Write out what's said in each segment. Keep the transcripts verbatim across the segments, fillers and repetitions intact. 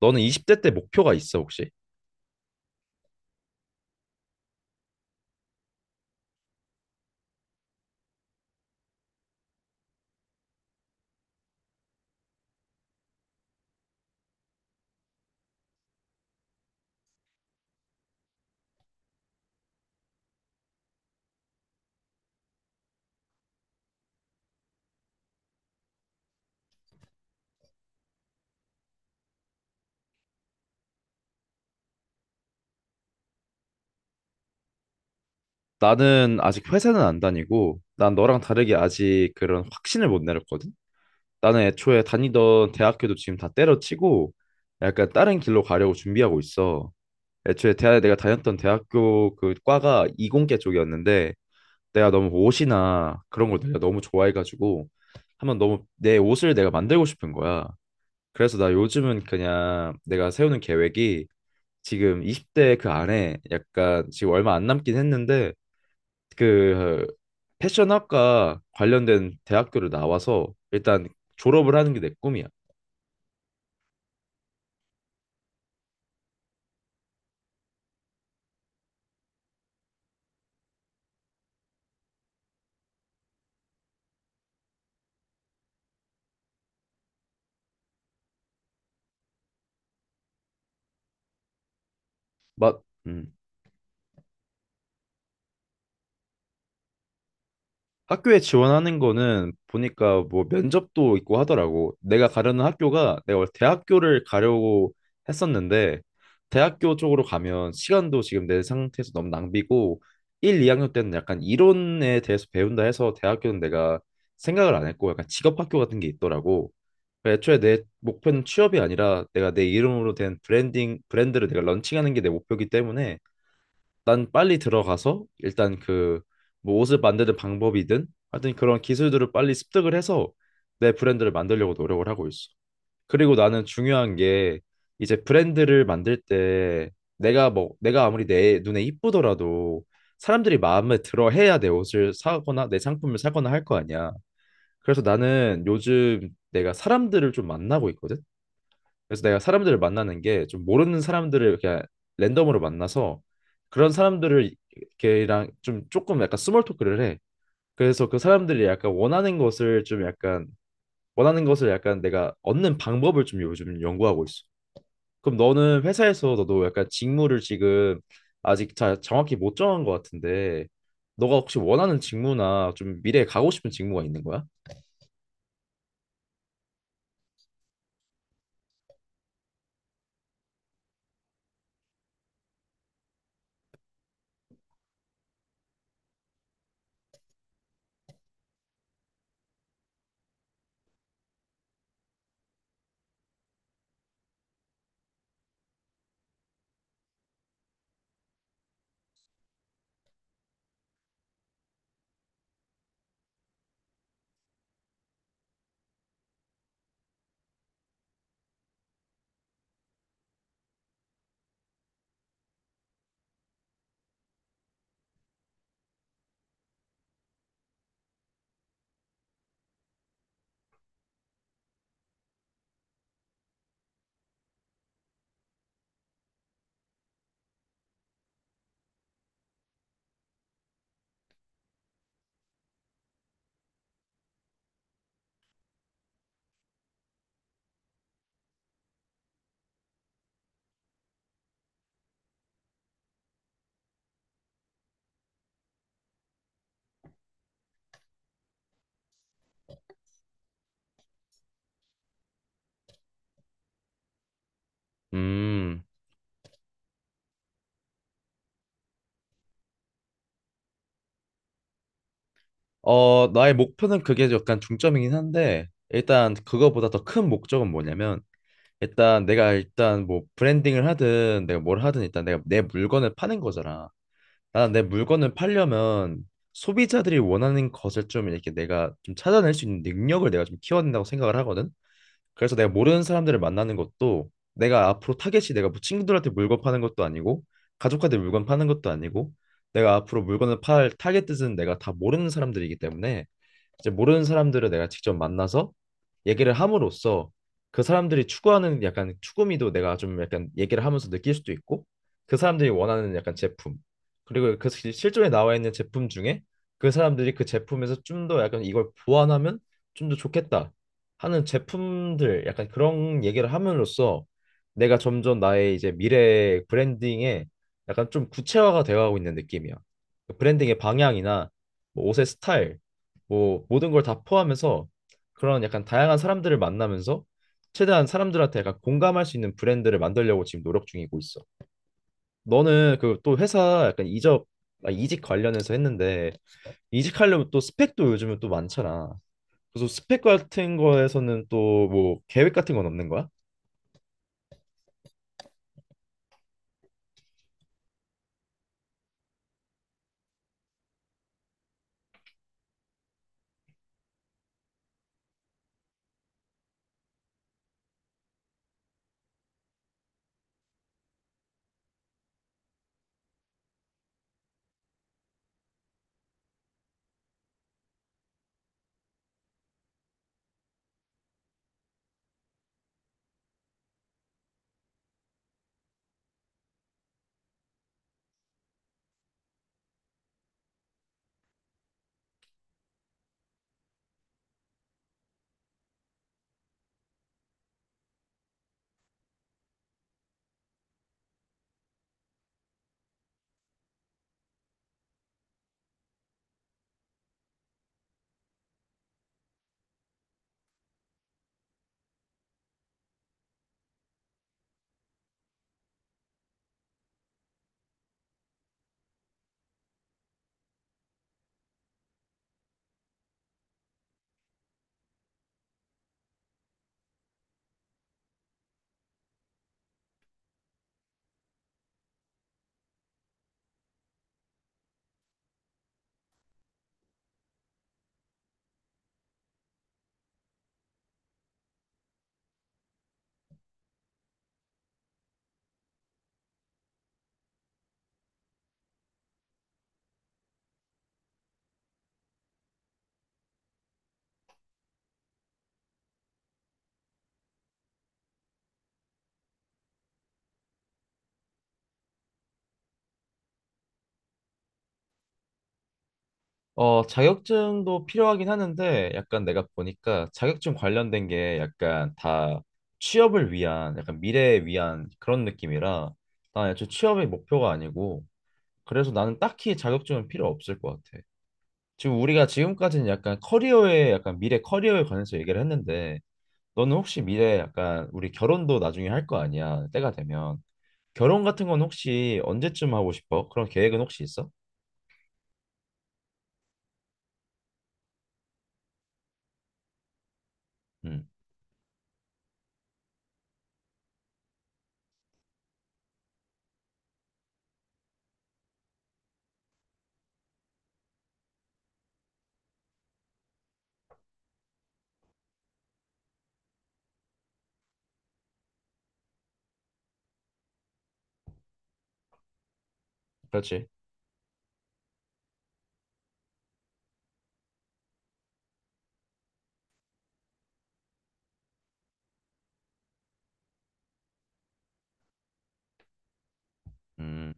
너는 이십 대 때 목표가 있어, 혹시? 나는 아직 회사는 안 다니고, 난 너랑 다르게 아직 그런 확신을 못 내렸거든? 나는 애초에 다니던 대학교도 지금 다 때려치고, 약간 다른 길로 가려고 준비하고 있어. 애초에 대 내가 다녔던 대학교 그 과가 이공계 쪽이었는데, 내가 너무 옷이나 그런 걸 내가 너무 좋아해가지고, 한번 너무 내 옷을 내가 만들고 싶은 거야. 그래서 나 요즘은 그냥 내가 세우는 계획이, 지금 이십 대 그 안에 약간 지금 얼마 안 남긴 했는데, 그 패션학과 관련된 대학교를 나와서 일단 졸업을 하는 게 내 꿈이야. 막 음. 학교에 지원하는 거는 보니까 뭐 면접도 있고 하더라고. 내가 가려는 학교가, 내가 원래 대학교를 가려고 했었는데 대학교 쪽으로 가면 시간도 지금 내 상태에서 너무 낭비고, 일, 이 학년 때는 약간 이론에 대해서 배운다 해서 대학교는 내가 생각을 안 했고, 약간 직업학교 같은 게 있더라고. 그래서 애초에 내 목표는 취업이 아니라, 내가 내 이름으로 된 브랜딩 브랜드를 내가 런칭하는 게 내 목표이기 때문에, 난 빨리 들어가서 일단 그 뭐 옷을 만드는 방법이든 하여튼 그런 기술들을 빨리 습득을 해서 내 브랜드를 만들려고 노력을 하고 있어. 그리고 나는 중요한 게, 이제 브랜드를 만들 때 내가 뭐 내가 아무리 내 눈에 이쁘더라도 사람들이 마음에 들어 해야 내 옷을 사거나 내 상품을 사거나 할 거 아니야. 그래서 나는 요즘 내가 사람들을 좀 만나고 있거든. 그래서 내가 사람들을 만나는 게, 좀 모르는 사람들을 그냥 랜덤으로 만나서, 그런 사람들을, 걔랑 좀 조금 약간 스몰 토크를 해. 그래서 그 사람들이 약간 원하는 것을, 좀 약간 원하는 것을 약간 내가 얻는 방법을 좀 요즘 연구하고 있어. 그럼 너는 회사에서 너도 약간 직무를 지금 아직 잘 정확히 못 정한 것 같은데, 너가 혹시 원하는 직무나 좀 미래에 가고 싶은 직무가 있는 거야? 음. 어, 나의 목표는 그게 약간 중점이긴 한데, 일단 그거보다 더 큰 목적은 뭐냐면, 일단 내가, 일단 뭐 브랜딩을 하든 내가 뭘 하든, 일단 내가 내 물건을 파는 거잖아. 나는 내 물건을 팔려면, 소비자들이 원하는 것을 좀 이렇게 내가 좀 찾아낼 수 있는 능력을 내가 좀 키워야 된다고 생각을 하거든. 그래서 내가 모르는 사람들을 만나는 것도, 내가 앞으로 타겟이, 내가 뭐 친구들한테 물건 파는 것도 아니고 가족한테 물건 파는 것도 아니고, 내가 앞으로 물건을 팔 타겟은 내가 다 모르는 사람들이기 때문에, 이제 모르는 사람들을 내가 직접 만나서 얘기를 함으로써, 그 사람들이 추구하는 약간 추구미도 내가 좀 약간 얘기를 하면서 느낄 수도 있고, 그 사람들이 원하는 약간 제품, 그리고 그 시- 실존에 나와 있는 제품 중에 그 사람들이 그 제품에서 좀 더 약간 이걸 보완하면 좀 더 좋겠다 하는 제품들, 약간 그런 얘기를 함으로써 내가 점점 나의 이제 미래 브랜딩에 약간 좀 구체화가 되어가고 있는 느낌이야. 그 브랜딩의 방향이나 뭐 옷의 스타일, 뭐 모든 걸 다 포함해서 그런 약간 다양한 사람들을 만나면서 최대한 사람들한테 약간 공감할 수 있는 브랜드를 만들려고 지금 노력 중이고 있어. 너는 그 또 회사 약간 이적 아, 이직 관련해서 했는데, 이직하려면 또 스펙도 요즘은 또 많잖아. 그래서 스펙 같은 거에서는 또 뭐 계획 같은 건 없는 거야? 어, 자격증도 필요하긴 하는데, 약간 내가 보니까 자격증 관련된 게 약간 다 취업을 위한, 약간 미래에 위한 그런 느낌이라, 난 애초에 취업이 목표가 아니고, 그래서 나는 딱히 자격증은 필요 없을 것 같아. 지금 우리가 지금까지는 약간 커리어에, 약간 미래 커리어에 관해서 얘기를 했는데, 너는 혹시 미래에, 약간 우리 결혼도 나중에 할 거 아니야? 때가 되면 결혼 같은 건 혹시 언제쯤 하고 싶어? 그런 계획은 혹시 있어? 음, 그렇지. 음.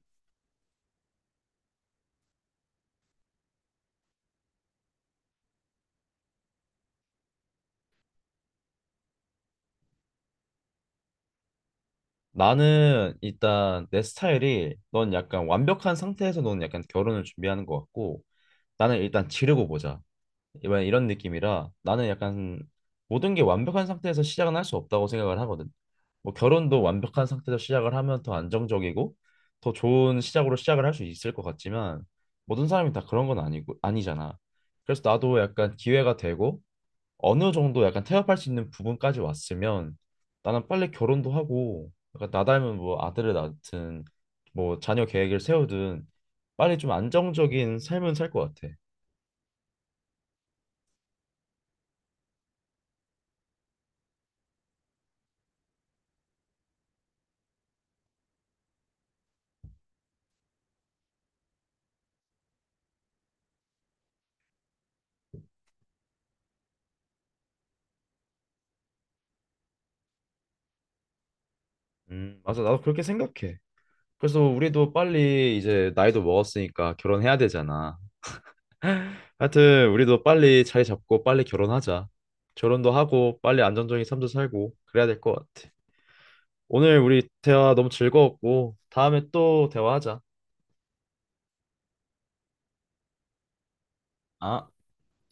나는 일단 내 스타일이, 넌 약간 완벽한 상태에서 넌 약간 결혼을 준비하는 것 같고, 나는 일단 지르고 보자, 이번 이런 느낌이라. 나는 약간 모든 게 완벽한 상태에서 시작은 할 수 없다고 생각을 하거든. 뭐 결혼도 완벽한 상태에서 시작을 하면 더 안정적이고 더 좋은 시작으로 시작을 할 수 있을 것 같지만, 모든 사람이 다 그런 건 아니고 아니잖아. 그래서 나도 약간 기회가 되고 어느 정도 약간 태업할 수 있는 부분까지 왔으면, 나는 빨리 결혼도 하고, 약간 나 닮은 뭐 아들을 낳든 뭐 자녀 계획을 세우든, 빨리 좀 안정적인 삶은 살 것 같아. 음, 맞아. 나도 그렇게 생각해. 그래서 우리도 빨리 이제 나이도 먹었으니까 결혼해야 되잖아. 하여튼 우리도 빨리 자리 잡고 빨리 결혼하자. 결혼도 하고 빨리 안정적인 삶도 살고 그래야 될 것 같아. 오늘 우리 대화 너무 즐거웠고 다음에 또 대화하자. 아.